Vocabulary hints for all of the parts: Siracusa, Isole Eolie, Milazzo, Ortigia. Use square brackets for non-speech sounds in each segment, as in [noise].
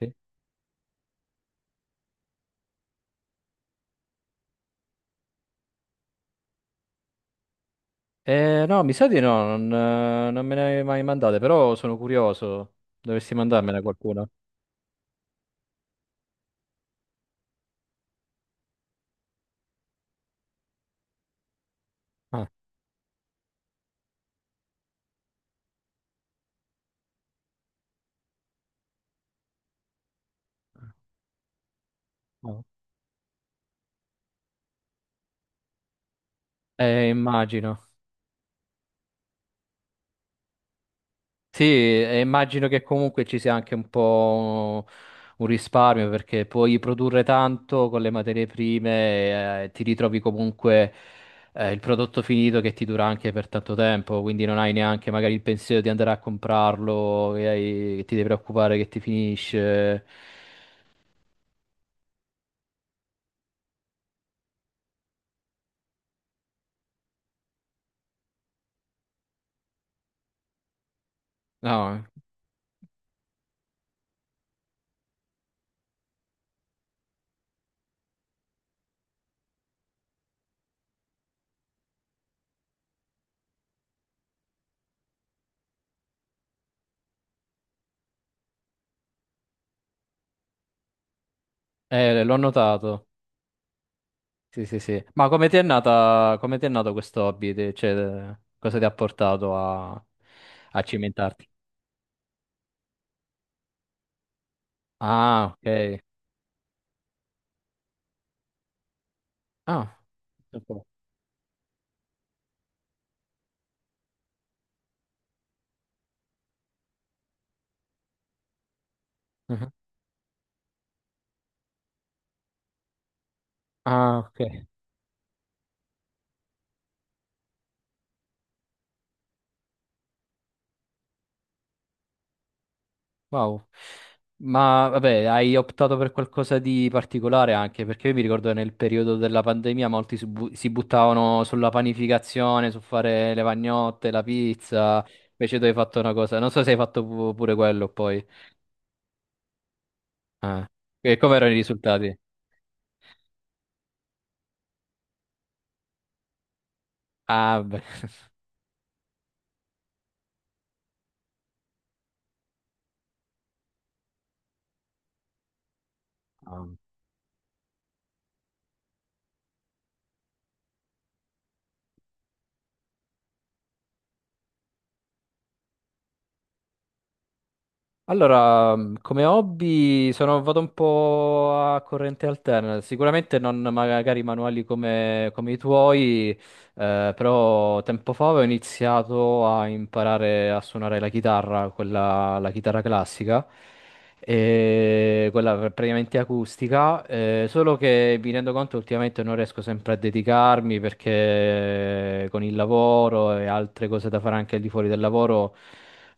Sì. No, mi sa di no, non me ne avevi mai mandate, però sono curioso. Dovresti mandarmela qualcuno. Ah. No. Immagino. Sì, e immagino che comunque ci sia anche un po' un risparmio perché puoi produrre tanto con le materie prime, e ti ritrovi comunque il prodotto finito che ti dura anche per tanto tempo, quindi non hai neanche magari il pensiero di andare a comprarlo, e che ti devi preoccupare che ti finisce. No. L'ho notato. Sì, sì, sì. Ma come ti è nata, come ti è nato questo hobby? Cioè, cosa ti ha portato a, a cimentarti? Ah, ok. Ah, ok. Mhm. Ah, ok. Wow. Ma vabbè, hai optato per qualcosa di particolare anche, perché io mi ricordo che nel periodo della pandemia molti si buttavano sulla panificazione, su fare le pagnotte, la pizza. Invece tu hai fatto una cosa, non so se hai fatto pure quello poi. Ah. E come erano i risultati? Ah, beh. [laughs] Allora, come hobby sono vado un po' a corrente alterna, sicuramente non magari manuali come, come i tuoi, però tempo fa ho iniziato a imparare a suonare la chitarra, quella, la chitarra classica, e praticamente acustica, solo che mi rendo conto ultimamente non riesco sempre a dedicarmi perché con il lavoro e altre cose da fare anche al di fuori del lavoro.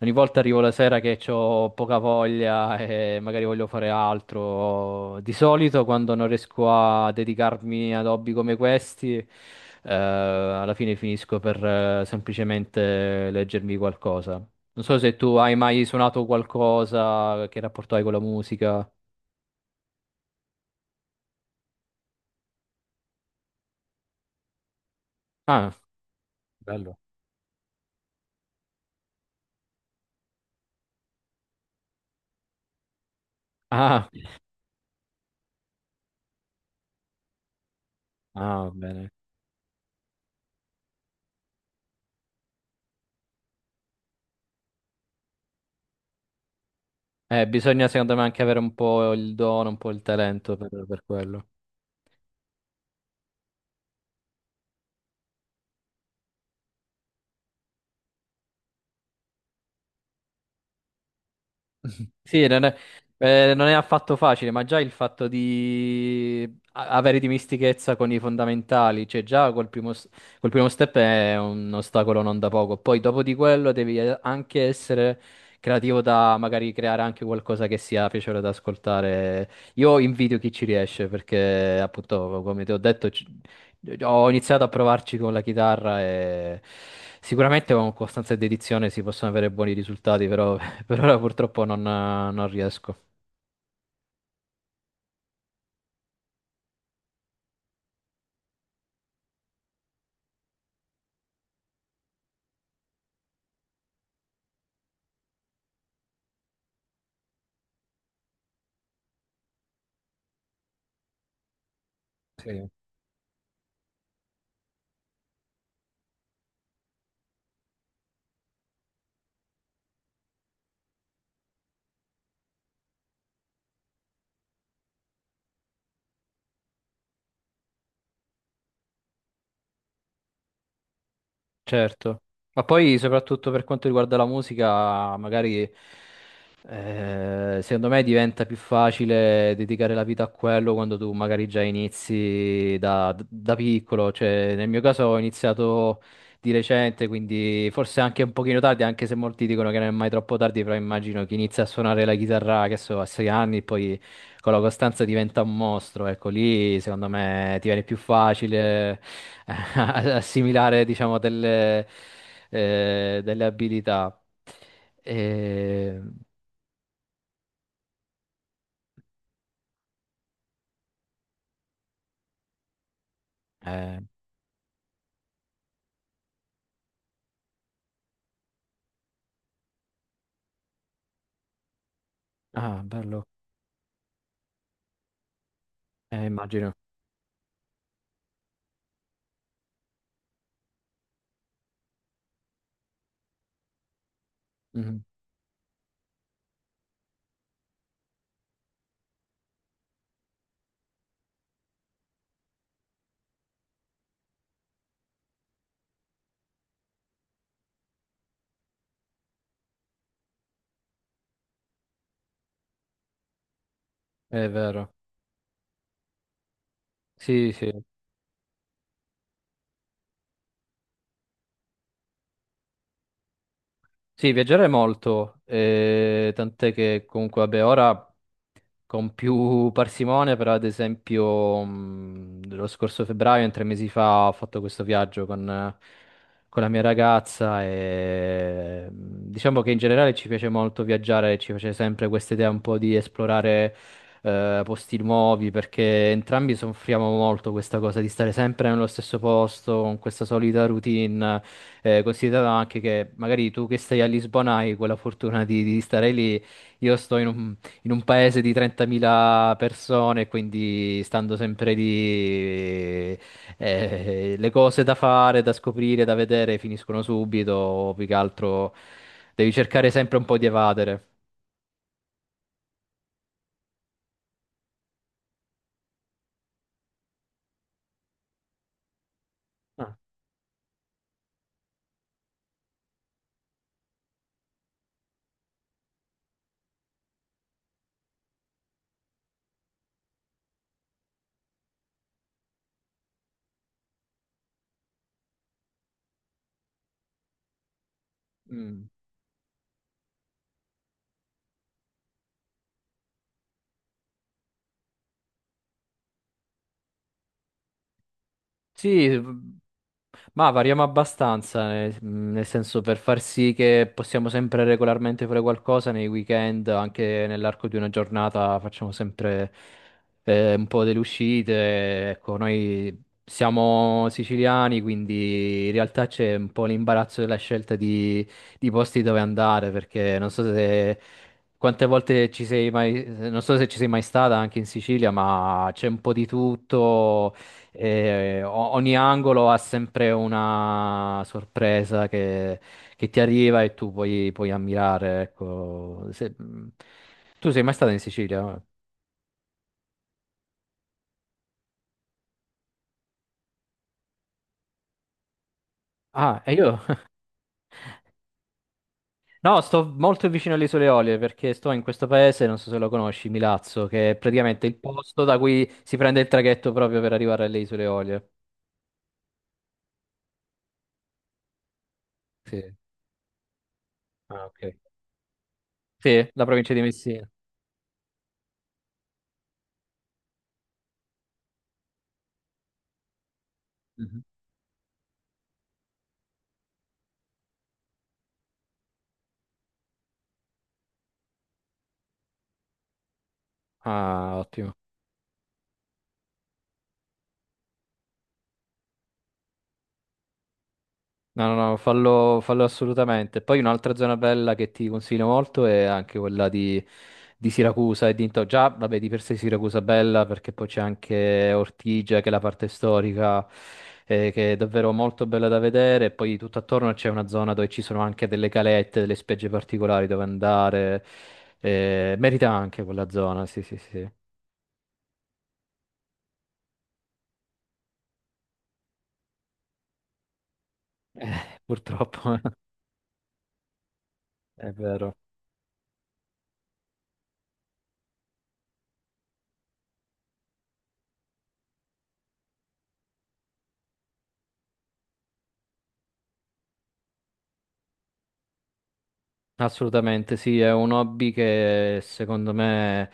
Ogni volta arrivo la sera che ho poca voglia e magari voglio fare altro. Di solito, quando non riesco a dedicarmi ad hobby come questi, alla fine finisco per semplicemente leggermi qualcosa. Non so se tu hai mai suonato qualcosa, che rapporto hai con la musica. Ah. Bello. Ah. Ah, bene. Bisogna secondo me anche avere un po' il dono, un po' il talento per quello. Sì, non è, Non è affatto facile, ma già il fatto di avere dimistichezza con i fondamentali, cioè già col primo, s- col primo step è un ostacolo non da poco. Poi dopo di quello devi anche essere creativo da magari creare anche qualcosa che sia piacevole da ascoltare. Io invidio chi ci riesce perché appunto, come ti ho detto, ho iniziato a provarci con la chitarra e sicuramente con costanza e dedizione si possono avere buoni risultati, però per ora purtroppo non riesco. Sì. Certo. Ma poi, soprattutto per quanto riguarda la musica, magari secondo me diventa più facile dedicare la vita a quello quando tu magari già inizi da piccolo. Cioè, nel mio caso ho iniziato di recente, quindi forse anche un pochino tardi, anche se molti dicono che non è mai troppo tardi, però immagino chi inizia a suonare la chitarra, che so, a 6 anni, poi con la costanza diventa un mostro, ecco, lì secondo me ti viene più facile [laughs] assimilare, diciamo, delle abilità. E, eh, ah, bello. Immagino. Mhm. È vero. Sì, sì. Sì, viaggiare molto, tant'è che comunque, vabbè, ora con più parsimonia, però ad esempio lo scorso febbraio, in 3 mesi fa, ho fatto questo viaggio con la mia ragazza e diciamo che in generale ci piace molto viaggiare, ci piace sempre questa idea un po' di esplorare posti nuovi, perché entrambi soffriamo molto questa cosa di stare sempre nello stesso posto, con questa solita routine, considerando anche che magari tu che stai a Lisbona hai quella fortuna di stare lì. Io sto in un paese di 30.000 persone, quindi stando sempre lì, le cose da fare, da scoprire, da vedere finiscono subito, o più che altro devi cercare sempre un po' di evadere. Ah. Mm. Sì. Ma variamo abbastanza, nel senso per far sì che possiamo sempre regolarmente fare qualcosa nei weekend, anche nell'arco di una giornata facciamo sempre un po' delle uscite. Ecco, noi siamo siciliani, quindi in realtà c'è un po' l'imbarazzo della scelta di posti dove andare, perché quante volte ci sei mai, non so se ci sei mai stata anche in Sicilia, ma c'è un po' di tutto. E ogni angolo ha sempre una sorpresa che ti arriva e tu puoi, puoi ammirare, ecco. Tu sei mai stata in Sicilia? Ah, e io? [laughs] No, sto molto vicino alle Isole Eolie perché sto in questo paese, non so se lo conosci, Milazzo, che è praticamente il posto da cui si prende il traghetto proprio per arrivare alle Isole Eolie. Sì. Ah, ok. Sì, la provincia di Messina. Mhm. Ah, ottimo. No, no, no, fallo, fallo assolutamente. Poi un'altra zona bella che ti consiglio molto è anche quella di Siracusa e dintorni. Già, vabbè, di per sé Siracusa è bella perché poi c'è anche Ortigia, che è la parte storica, che è davvero molto bella da vedere. E poi tutto attorno c'è una zona dove ci sono anche delle calette, delle spiagge particolari dove andare. Merita anche quella zona, sì, sì, sì. Purtroppo. [laughs] È vero. Assolutamente, sì, è un hobby che secondo me,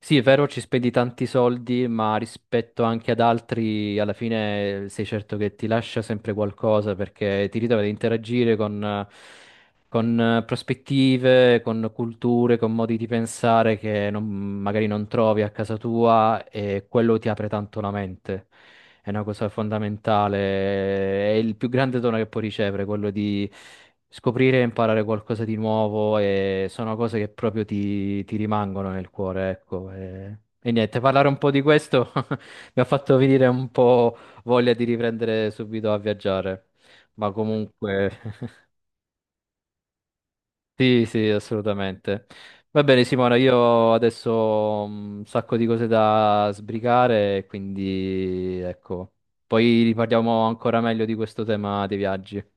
sì, è vero, ci spendi tanti soldi, ma rispetto anche ad altri, alla fine sei certo che ti lascia sempre qualcosa perché ti ritrovi ad interagire con prospettive, con culture, con modi di pensare che magari non trovi a casa tua e quello ti apre tanto la mente. È una cosa fondamentale, è il più grande dono che puoi ricevere, quello di scoprire e imparare qualcosa di nuovo e sono cose che proprio ti rimangono nel cuore, ecco. E niente, parlare un po' di questo [laughs] mi ha fatto venire un po' voglia di riprendere subito a viaggiare, ma comunque... Sì, sì, assolutamente. Va bene, Simona, io adesso ho un sacco di cose da sbrigare, quindi ecco, poi riparliamo ancora meglio di questo tema dei viaggi.